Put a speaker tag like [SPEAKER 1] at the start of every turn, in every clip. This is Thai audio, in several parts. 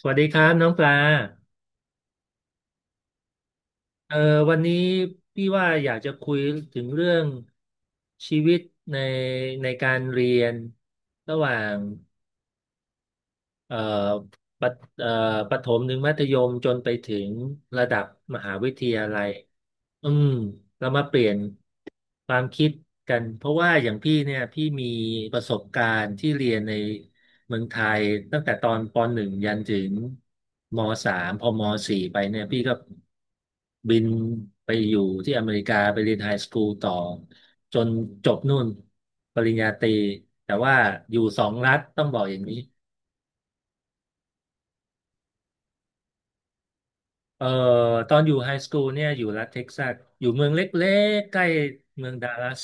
[SPEAKER 1] สวัสดีครับน้องปลาเอ่อวันนี้พี่ว่าอยากจะคุยถึงเรื่องชีวิตในในการเรียนระหว่าง เอ่อปะเอ่อประถมถึงมัธยมจนไปถึงระดับมหาวิทยาลัยอืมเรามาเปลี่ยนความคิดกัน เพราะว่าอย่างพี่เนี่ยพี่มีประสบการณ์ที่เรียนในเมืองไทยตั้งแต่ตอนปหนึ่งยันถึงมสามพอมสี่ไปเนี่ยพี่ก็บินไปอยู่ที่อเมริกาไปเรียนไฮสคูลต่อจนจบนู่นปริญญาตรีแต่ว่าอยู่สองรัฐต้องบอกอย่างนี้ เอ่อตอนอยู่ไฮสคูลเนี่ยอยู่รัฐเท็กซัสอยู่เมืองเล็กๆใกล้เมืองดัลลัส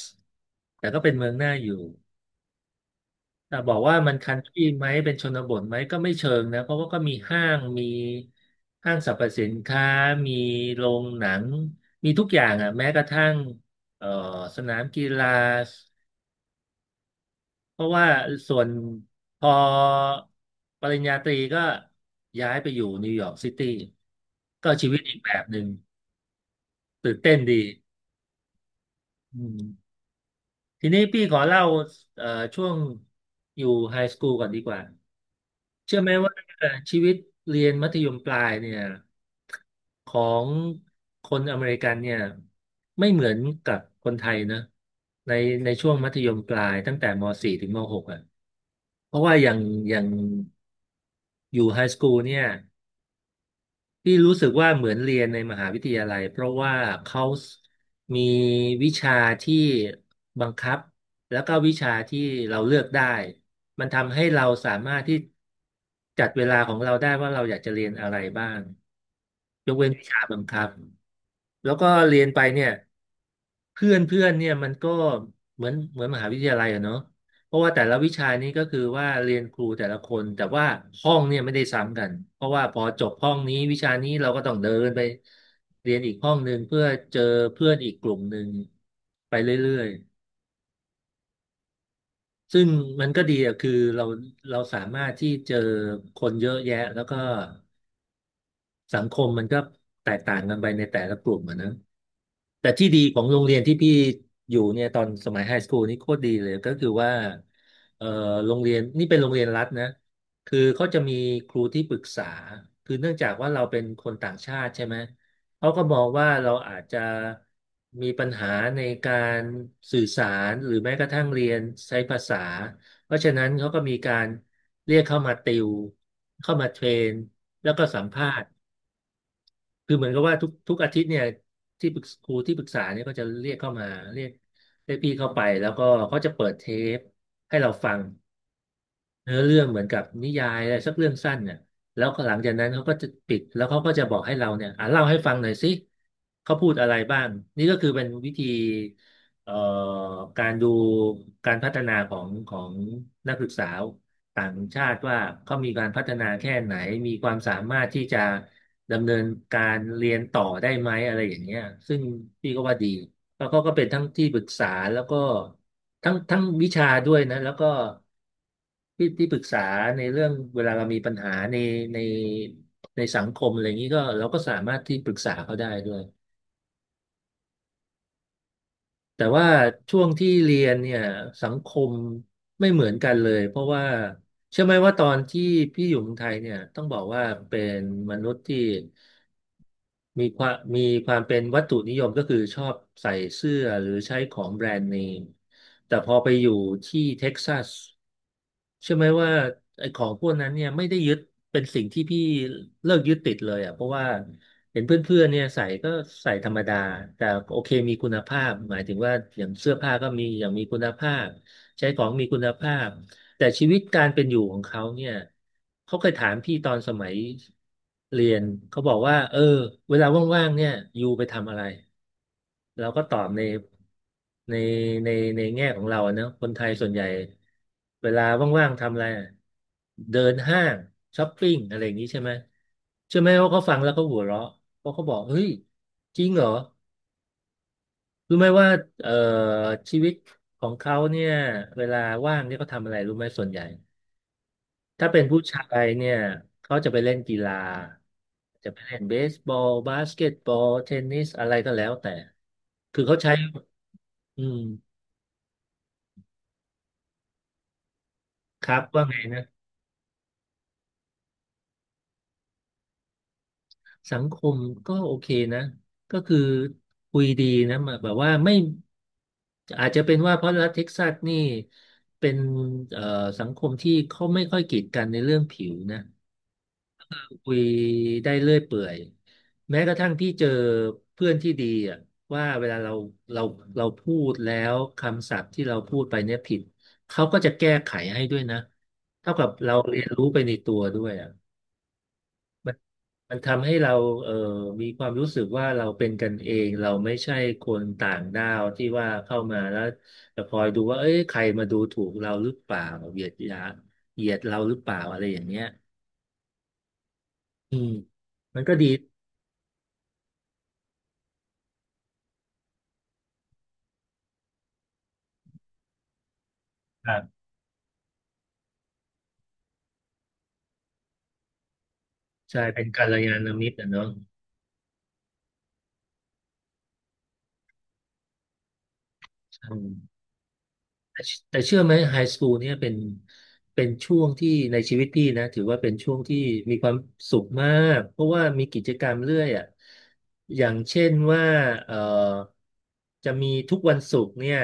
[SPEAKER 1] แต่ก็เป็นเมืองน่าอยู่แต่บอกว่ามันคันทรีไหมเป็นชนบทไหมก็ไม่เชิงนะเพราะว่าก็มีห้างมีห้างสรรพสินค้ามีโรงหนังมีทุกอย่างอ่ะแม้กระทั่งเอ่อสนามกีฬาเพราะว่าส่วนพอปริญญาตรีก็ย้ายไปอยู่นิวยอร์กซิตี้ก็ชีวิตอีกแบบหนึ่งตื่นเต้นดีอืม ทีนี้พี่ขอเล่าเอ่อช่วงอยู่ไฮสคูลก่อนดีกว่าเชื่อไหมว่าชีวิตเรียนมัธยมปลายเนี่ยของคนอเมริกันเนี่ยไม่เหมือนกับคนไทยนะในช่วงมัธยมปลายตั้งแต่ม .4 ถึงม .6 อ่ะเพราะว่าอย่างอย่างอยู่ไฮสคูลเนี่ย ที่รู้สึกว่าเหมือนเรียนในมหาวิทยาลัยเพราะว่าเขามีวิชาที่บังคับแล้วก็วิชาที่เราเลือกได้มันทำให้เราสามารถที่จัดเวลาของเราได้ว่าเราอยากจะเรียนอะไรบ้าง ยกเว้นวิชาบางคำแล้วก็เรียนไปเนี่ยเพื่อนเพื่อนเนี่ยมันก็เหมือนเหมือนมหาวิทยาลัยอะเนาะเพราะว่าแต่ละวิชานี้ก็คือว่าเรียนครูแต่ละคนแต่ว่าห้องเนี่ยไม่ได้ซ้ำกันเพราะว่าพอจบห้องนี้วิชานี้เราก็ต้องเดินไปเรียนอีกห้องหนึ่งเพื่อเจอเพื่อนอีกกลุ่มหนึ่งไปเรื่อยๆซึ่งมันก็ดีอะคือเราสามารถที่เจอคนเยอะแยะแล้วก็ สังคมมันก็แตกต่างกันไปในแต่ละกลุ่มอะนะแต่ที่ดีของโรงเรียนที่พี่อยู่เนี่ยตอนสมัยไฮสคูลนี่โคตรดีเลยก็คือว่าเอ่อโรงเรียนนี่เป็นโรงเรียนรัฐนะคือเขาจะมีครูที่ปรึกษาคือเนื่องจากว่าเราเป็นคนต่างชาติใช่ไหมเขาก็มองว่าเราอาจจะมีปัญหาในการสื่อสารหรือแม้กระทั่งเรียนใช้ภาษาเพราะฉะนั้นเขาก็มีการเรียกเข้ามาติวเข้ามาเทรนแล้วก็สัมภาษณ์ คือเหมือนกับว่าทุกทุกอาทิตย์เนี่ยที่ปรึกครูที่ปรึกษาเนี่ยก็จะเรียกเข้ามาเรียกเรียกพี่เข้าไปแล้วก็เขาจะเปิดเทปให้เราฟังเนื้อเรื่องเหมือนกับนิยายอะไรสักเรื่องสั้นเนี่ยแล้วหลังจากนั้นเขาก็จะปิดแล้วเขาก็จะบอกให้เราเนี่ยอ่ะเล่าให้ฟังหน่อยสิเขาพูดอะไรบ้างนี่ก็คือเป็นวิธีเอ่อการดูการพัฒนาของของนักศึกษา ต่างชาติว่าเขามีการพัฒนาแค่ไหน มีความสามารถที่จะดำเนินการเรียนต่อได้ไหมอะไรอย่างเงี้ยซึ่งพี่ก็ว่าดีแล้วเขาก็เป็นทั้งที่ปรึกษาแล้วก็ทั้งวิชาด้วยนะแล้วก็ที่ที่ปรึกษาในเรื่องเวลาเรามีปัญหาในในในสังคมอะไรอย่างนี้ก็เราก็สามารถที่ปรึกษาเขาได้ด้วย แต่ว่าช่วงที่เรียนเนี่ยสังคมไม่เหมือนกันเลยเพราะว่าเชื่อไหมว่าตอนที่พี่อยู่เมืองไทยเนี่ยต้องบอกว่าเป็นมนุษย์ที่มีความมีความเป็นวัตถุนิยมก็คือชอบใส่เสื้อหรือใช้ของแบรนด์เนมแต่พอไปอยู่ที่เท็กซัส ใช่ไหมว่าไอ้ของพวกนั้นเนี่ยไม่ได้ยึดเป็นสิ่งที่พี่เลิกยึดติดเลยอ่ะเพราะว่าเห็นเพื่อนๆเนี่ยใส่ก็ใส่ธรรมดาแต่โอเคมีคุณภาพหมายถึงว่าอย่างเสื้อผ้าก็มีอย่างมีคุณภาพใช้ของมีคุณภาพแต่ชีวิตการเป็นอยู่ของเขาเนี่ยเขาเคยถามพี่ตอนสมัยเรียนเขาบอกว่าเออเวลาว่างๆเนี่ยอยู่ไปทำอะไร เราก็ตอบในในในแง่ของเราอะเนอะคนไทยส่วนใหญ่เวลาว่างๆทำอะไรอะเดินห้างช้อปปิ้งอะไรอย่างนี้ใช่ไหมใช่อไหมว่าเขาฟังแล้วเขาหัวเราะเพราะเขาบอกเฮ้ยจริงเหรอรู้ไหมว่าเอ่อชีวิตของเขาเนี่ยเวลาว่างเนี่ยเขาทำอะไรรู้ไหมส่วนใหญ่ถ้าเป็นผู้ชายเนี่ยเขาจะไปเล่นกีฬาจะไปเล่นเบสบอลบาสเกตบอลเทนนิสอะไรก็แล้วแต่คือเขาใช้ อืมครับว่าไงนะสังคมก็โอเคนะก็คือคุยดีนะแบบว่าไม่อาจจะเป็นว่าเพราะรัฐเท็กซัสนี่เป็นเอ่อสังคมที่เขาไม่ค่อยกีดกันในเรื่องผิวนะคุยได้เรื่อยเปื่อยแม้กระทั่งพี่เจอเพื่อนที่ดีอ่ะว่าเวลาเราเราพูดแล้วคำศัพท์ที่เราพูดไปเนี่ยผิดเขาก็จะแก้ไขให้ด้วยนะเท่ากับเราเรียนรู้ไปในตัวด้วย มันทำให้เราเอ่อมีความรู้สึกว่าเราเป็นกันเองเราไม่ใช่คนต่างด้าวที่ว่าเข้ามาแล้วจะคอยดูว่าเอ้ยใครมาดูถูกเราหรือเปล่าเหยียดยาเหยียดเราหรือเปล่าอะไรอย่างเงี้ยอืมมันก็ดีครับใช่เป็นกัลยาณมิตรนะเนาะอืม แต่แต่เชื่อไหมไฮสคูลเนี่ยเป็นช่วงที่ในชีวิตพี่นะถือว่าเป็นช่วงที่มีความสุขมากเพราะว่ามีกิจกรรมเรื่อยอ่ะอย่างเช่นว่าเอ่อจะมีทุกวันศุกร์เนี่ย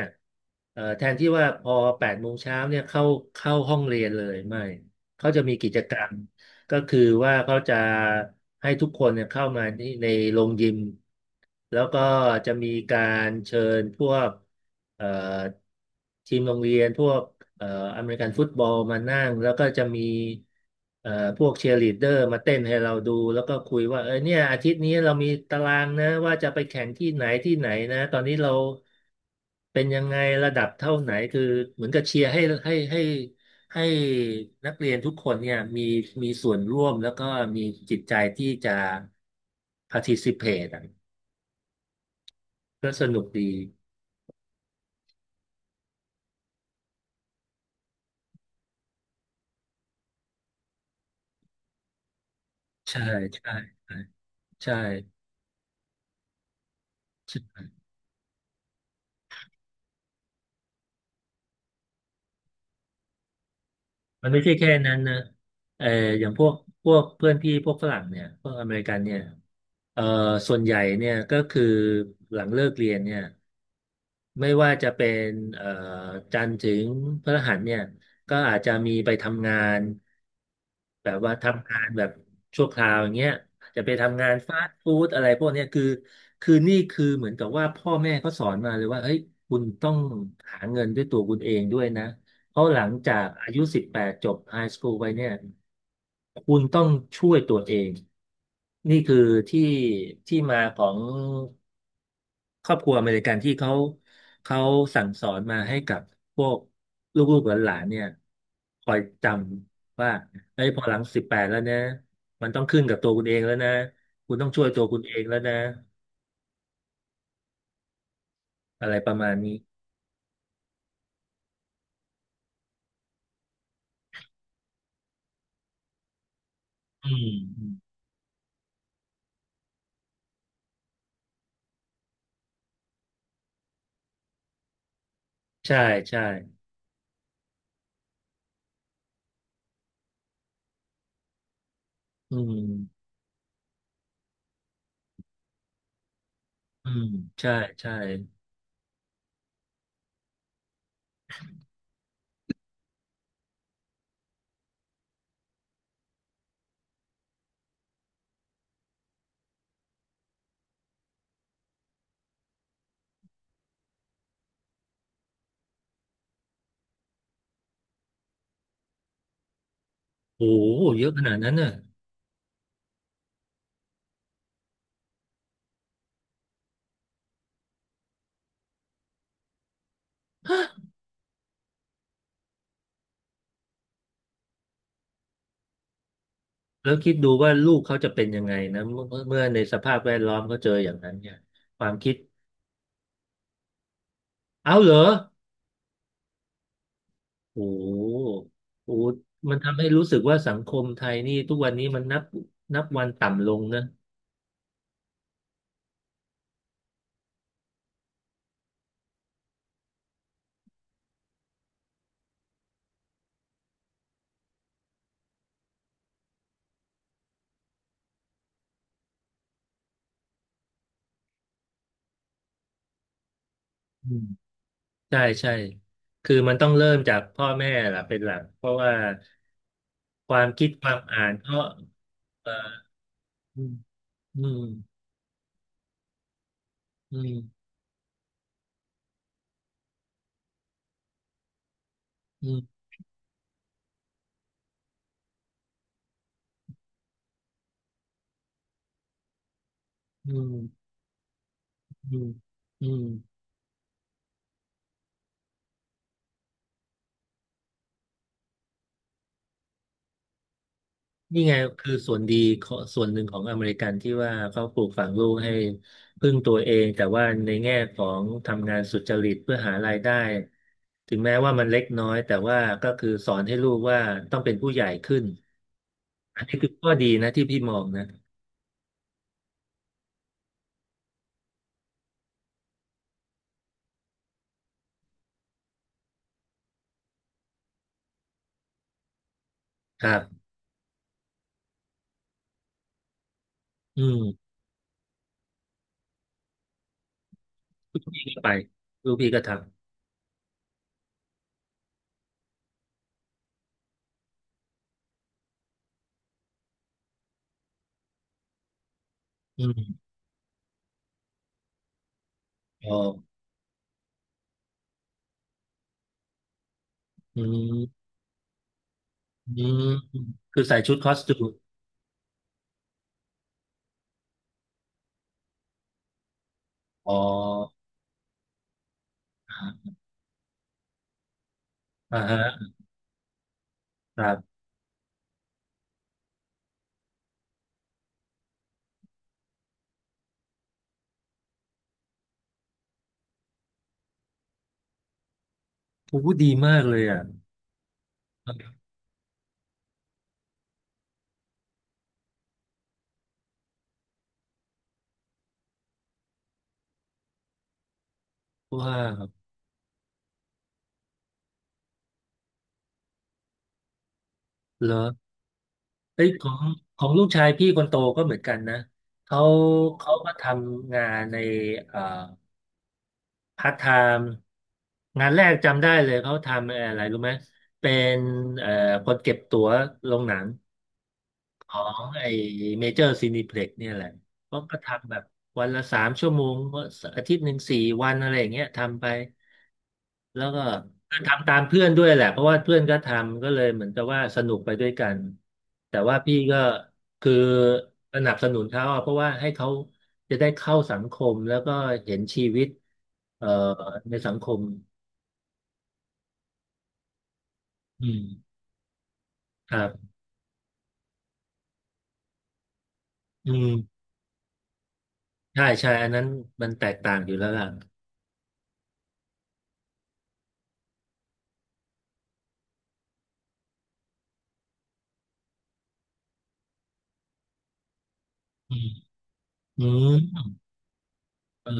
[SPEAKER 1] แทนที่ว่าพอ8 โมงเช้าเนี่ยเข้าห้องเรียนเลยไม่เขาจะมีกิจกรรม ก็คือว่าเขาจะให้ทุกคนเนี่ยเข้ามาที่ในโรงยิมแล้วก็จะมีการเชิญพวกเอ่อทีมโรงเรียนพวกเอ่ออเมริกันฟุตบอลมานั่งแล้วก็จะมีเอ่อพวกเชียร์ลีดเดอร์มาเต้นให้เราดูแล้วก็คุยว่าเนี่ยอาทิตย์นี้เรามีตารางนะว่าจะไปแข่งที่ไหนที่ไหนนะตอนนี้เรา เป็นยังไงระดับเท่าไหนคือเหมือนกับเชียร์ให้ให้ให้นักเรียนทุกคนเนี่ยมีส่วนร่วมแล้วก็มีจิตใจที่จะ participate อะก็สนุกดีใช่ใช่ใช่ มันไม่ใช่แค่นั้นนะเอออย่างพวกเพื่อนพี่พวกฝรั่งเนี่ยพวกอเมริกันเนี่ยเออส่วนใหญ่เนี่ยก็คือหลังเลิกเรียนเนี่ย ไม่ว่าจะเป็นเอ่อจันทร์ถึงพฤหัสเนี่ยก็อาจจะมีไปทำงานแบบว่าทำงานแบบชั่วคราวอย่างเงี้ยอาจจะไปทำงานฟาสต์ฟู้ดอะไรพวกเนี้ยคือนี่คือเหมือนกับว่าพ่อแม่เขาสอนมาเลยว่าเฮ้ยคุณต้องหาเงินด้วยตัวคุณเองด้วยนะ เพราะหลังจากอายุ18จบไฮสคูลไปเนี่ยคุณต้องช่วยตัวเองนี่คือที่ที่มาของครอบครัวอเมริกันที่เขาสั่งสอนมาให้กับพวกลูกๆหลานๆเนี่ยคอยจำว่าเอ้ยพอหลังสิบแปดแล้วนะมันต้องขึ้นกับตัวคุณเองแล้วนะคุณต้องช่วยตัวคุณเองแล้วนะอะไรประมาณนี้อืมใช่ใช่อืมอืมใช่ใช่ โอ้โหเยอะขนาดนั้นน่ะแล้วคิดดูว่าลูกเขาจะเป็นยังไงนะเมื่อในสภาพแวดล้อมเขาเจออย่างนั้นเนี่ยความคิดเอาเหรอโอ้โหโอ้โหมันทำให้รู้สึกว่าสังคมไทยนี่ทุกวันนี้มันนับวันต่ำลงนะอืมใช่ใช่คือมันต้องเริ่มจากพ่อแม่ล่ะเป็นหลักเพราะว่าความคิดความอ่านก็เอ่ออืมอืมอืมอืมอืมอืมอืม นี่ไงคือส่วนดีขอส่วนหนึ่งของอเมริกันที่ว่าเขาปลูกฝังลูกให้พึ่งตัวเองแต่ว่าในแง่ของทำงานสุจริตเพื่อหารายได้ถึงแม้ว่ามันเล็กน้อยแต่ว่าก็คือสอนให้ลูกว่าต้องเป็นผู้ใหญ่ขึ้นอันนี้คือข้อดีนะที่พี่มองนะครับอืมลูกพี่ก็ไปลูกพี่ก็ทำอืมอ๋ออืมอืมคือใส่ชุดคอสตูมอ๋ออ่าฮะครับโอ้โหดีมากเลยอ่ะว้าว เหรอเอ้ยของลูกชายพี่คนโตก็เหมือนกันนะ เขาเขามาทำงานในเอ่อพาร์ทไทม์งานแรกจำได้เลยเขาทำอะไรรู้ไหม เป็นเอ่อคนเก็บตั๋วโรงหนัง ของอไอเมเจอร์ซีนิเพล็กเนี่ยแหละก็ทำแบบวันละ3 ชั่วโมงอาทิตย์หนึ่ง4 วันอะไรอย่างเงี้ยทำไป แล้วก็ทำตามเพื่อนด้วยแหละเพราะว่าเพื่อนก็ทำก็เลยเหมือนกับว่าสนุกไปด้วยกัน แต่ว่าพี่ก็คือสนับสนุนเขาอะเพราะว่าให้เขาจะได้เข้าสังคมแล้วก็เห็นชีวิตเอ่อในสังคมอืมครับอืมใช่ใช่อันนั้นมันแตกต่างอยู่แล้วล่ะอืมอืมเออ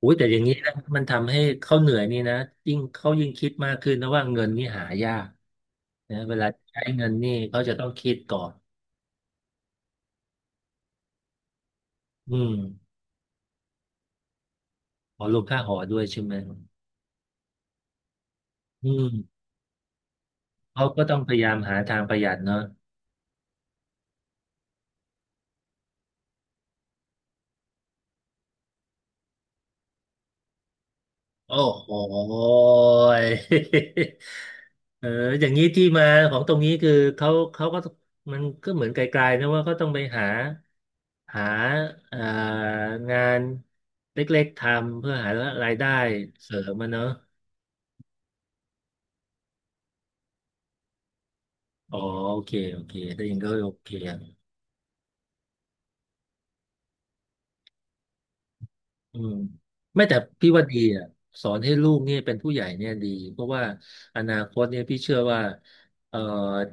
[SPEAKER 1] อุ้ยแต่อย่างนี้นะมันทำให้เขาเหนื่อยนี่นะยิ่งเขายิ่งคิดมากขึ้นนะว่าเงินนี่หายากนะเวลาใช้เงินนี่เขาจะต้องคิดก่อนอืมขอรวมค่าหอด้วยใช่ไหมอืมเขาก็ต้องพยายามหาทางประหยัดเนาะ โอ้โหย เอออย่างนี้ที่มาของตรงนี้คือเขาก็มันก็เหมือนไกลๆนะว่าเขาต้องไปหาหาเอ่องานเล็กๆทำเพื่อหารายได้เสริมมันเนาะอ๋อโอเคโอเคได้ยินก็โอเคอะอืมไม่แต่พี่ว่าดีอ่ะสอนให้ลูกเนี่ยเป็นผู้ใหญ่เนี่ยดีเพราะว่าอนาคตเนี่ยพี่เชื่อว่าเอ่อ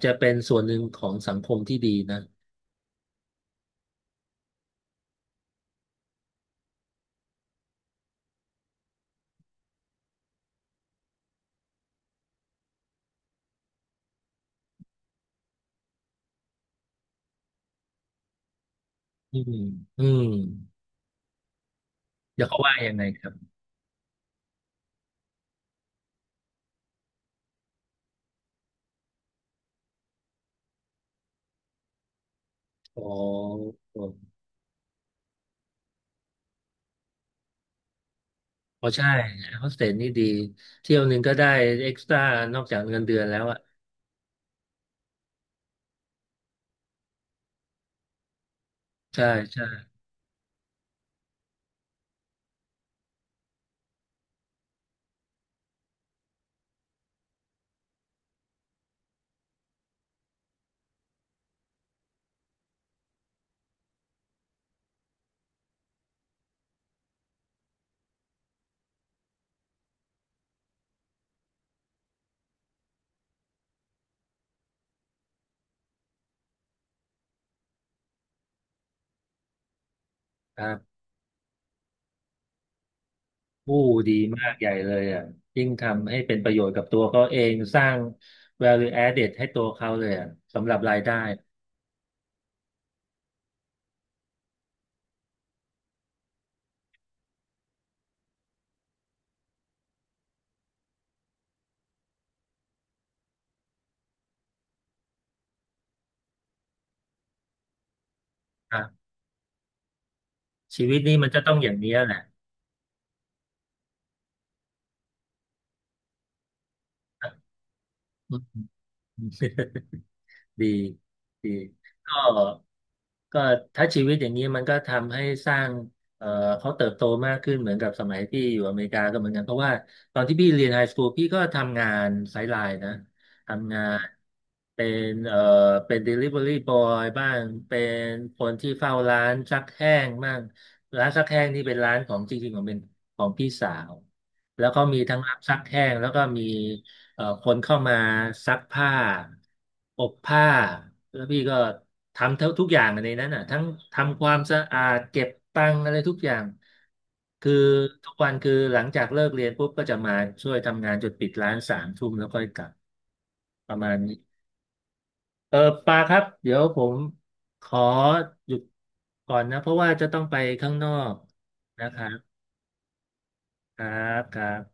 [SPEAKER 1] จะเป็นส่วนหนึ่งของสังคมที่ดีนะ อืมอืมเดี๋ยวเขาว่ายังไงครับอ๋ออ๋อใช่โฮสเทลนี่ดีเที่ยวหนึ่งก็ได้เอ็กซ์ตร้านอกจากเงินเดือนแล้วอ่ะใช่ใช่ครับผู้ดีมากใหญ่เลยอ่ะยิ่งทำให้เป็นประโยชน์กับตัวเขาเองสร้าง value added ให้ตัวเขาเลยอ่ะสำหรับรายได้ครับชีวิตนี่มันจะต้องอย่างเนี้ยแหละ ดีดีก็ก็ถ้าชีวิตอย่างนี้มันก็ทำให้สร้างเอ่อเขาเติบโตมากขึ้นเหมือนกับสมัยที่อยู่อเมริกาก็เหมือนกันเพราะว่าตอนที่พี่เรียนไฮสคูลพี่ก็ทำงานไซด์ไลน์นะทำงานเป็นเป็น delivery boy บ้างเป็นคนที่เฝ้าร้านซักแห้งบ้างร้านซักแห้งนี่เป็นร้านของจริงๆของเป็นของพี่สาวแล้วก็มีทั้งรับซักแห้งแล้วก็มี คนเข้ามาซักผ้าอบผ้าแล้วพี่ก็ทำเท่าทุกอย่างในนั้นน่ะทั้งทำความสะอาดเก็บตังค์อะไรทุกอย่างคือทุกวันคือหลังจากเลิกเรียนปุ๊บก็จะมาช่วยทำงานจนปิดร้านสามทุ่มแล้วค่อยกลับประมาณนี้เออปาครับเดี๋ยวผมขอหยุดก่อนนะเพราะว่าจะต้องไปข้างนอกนะครับครับครับ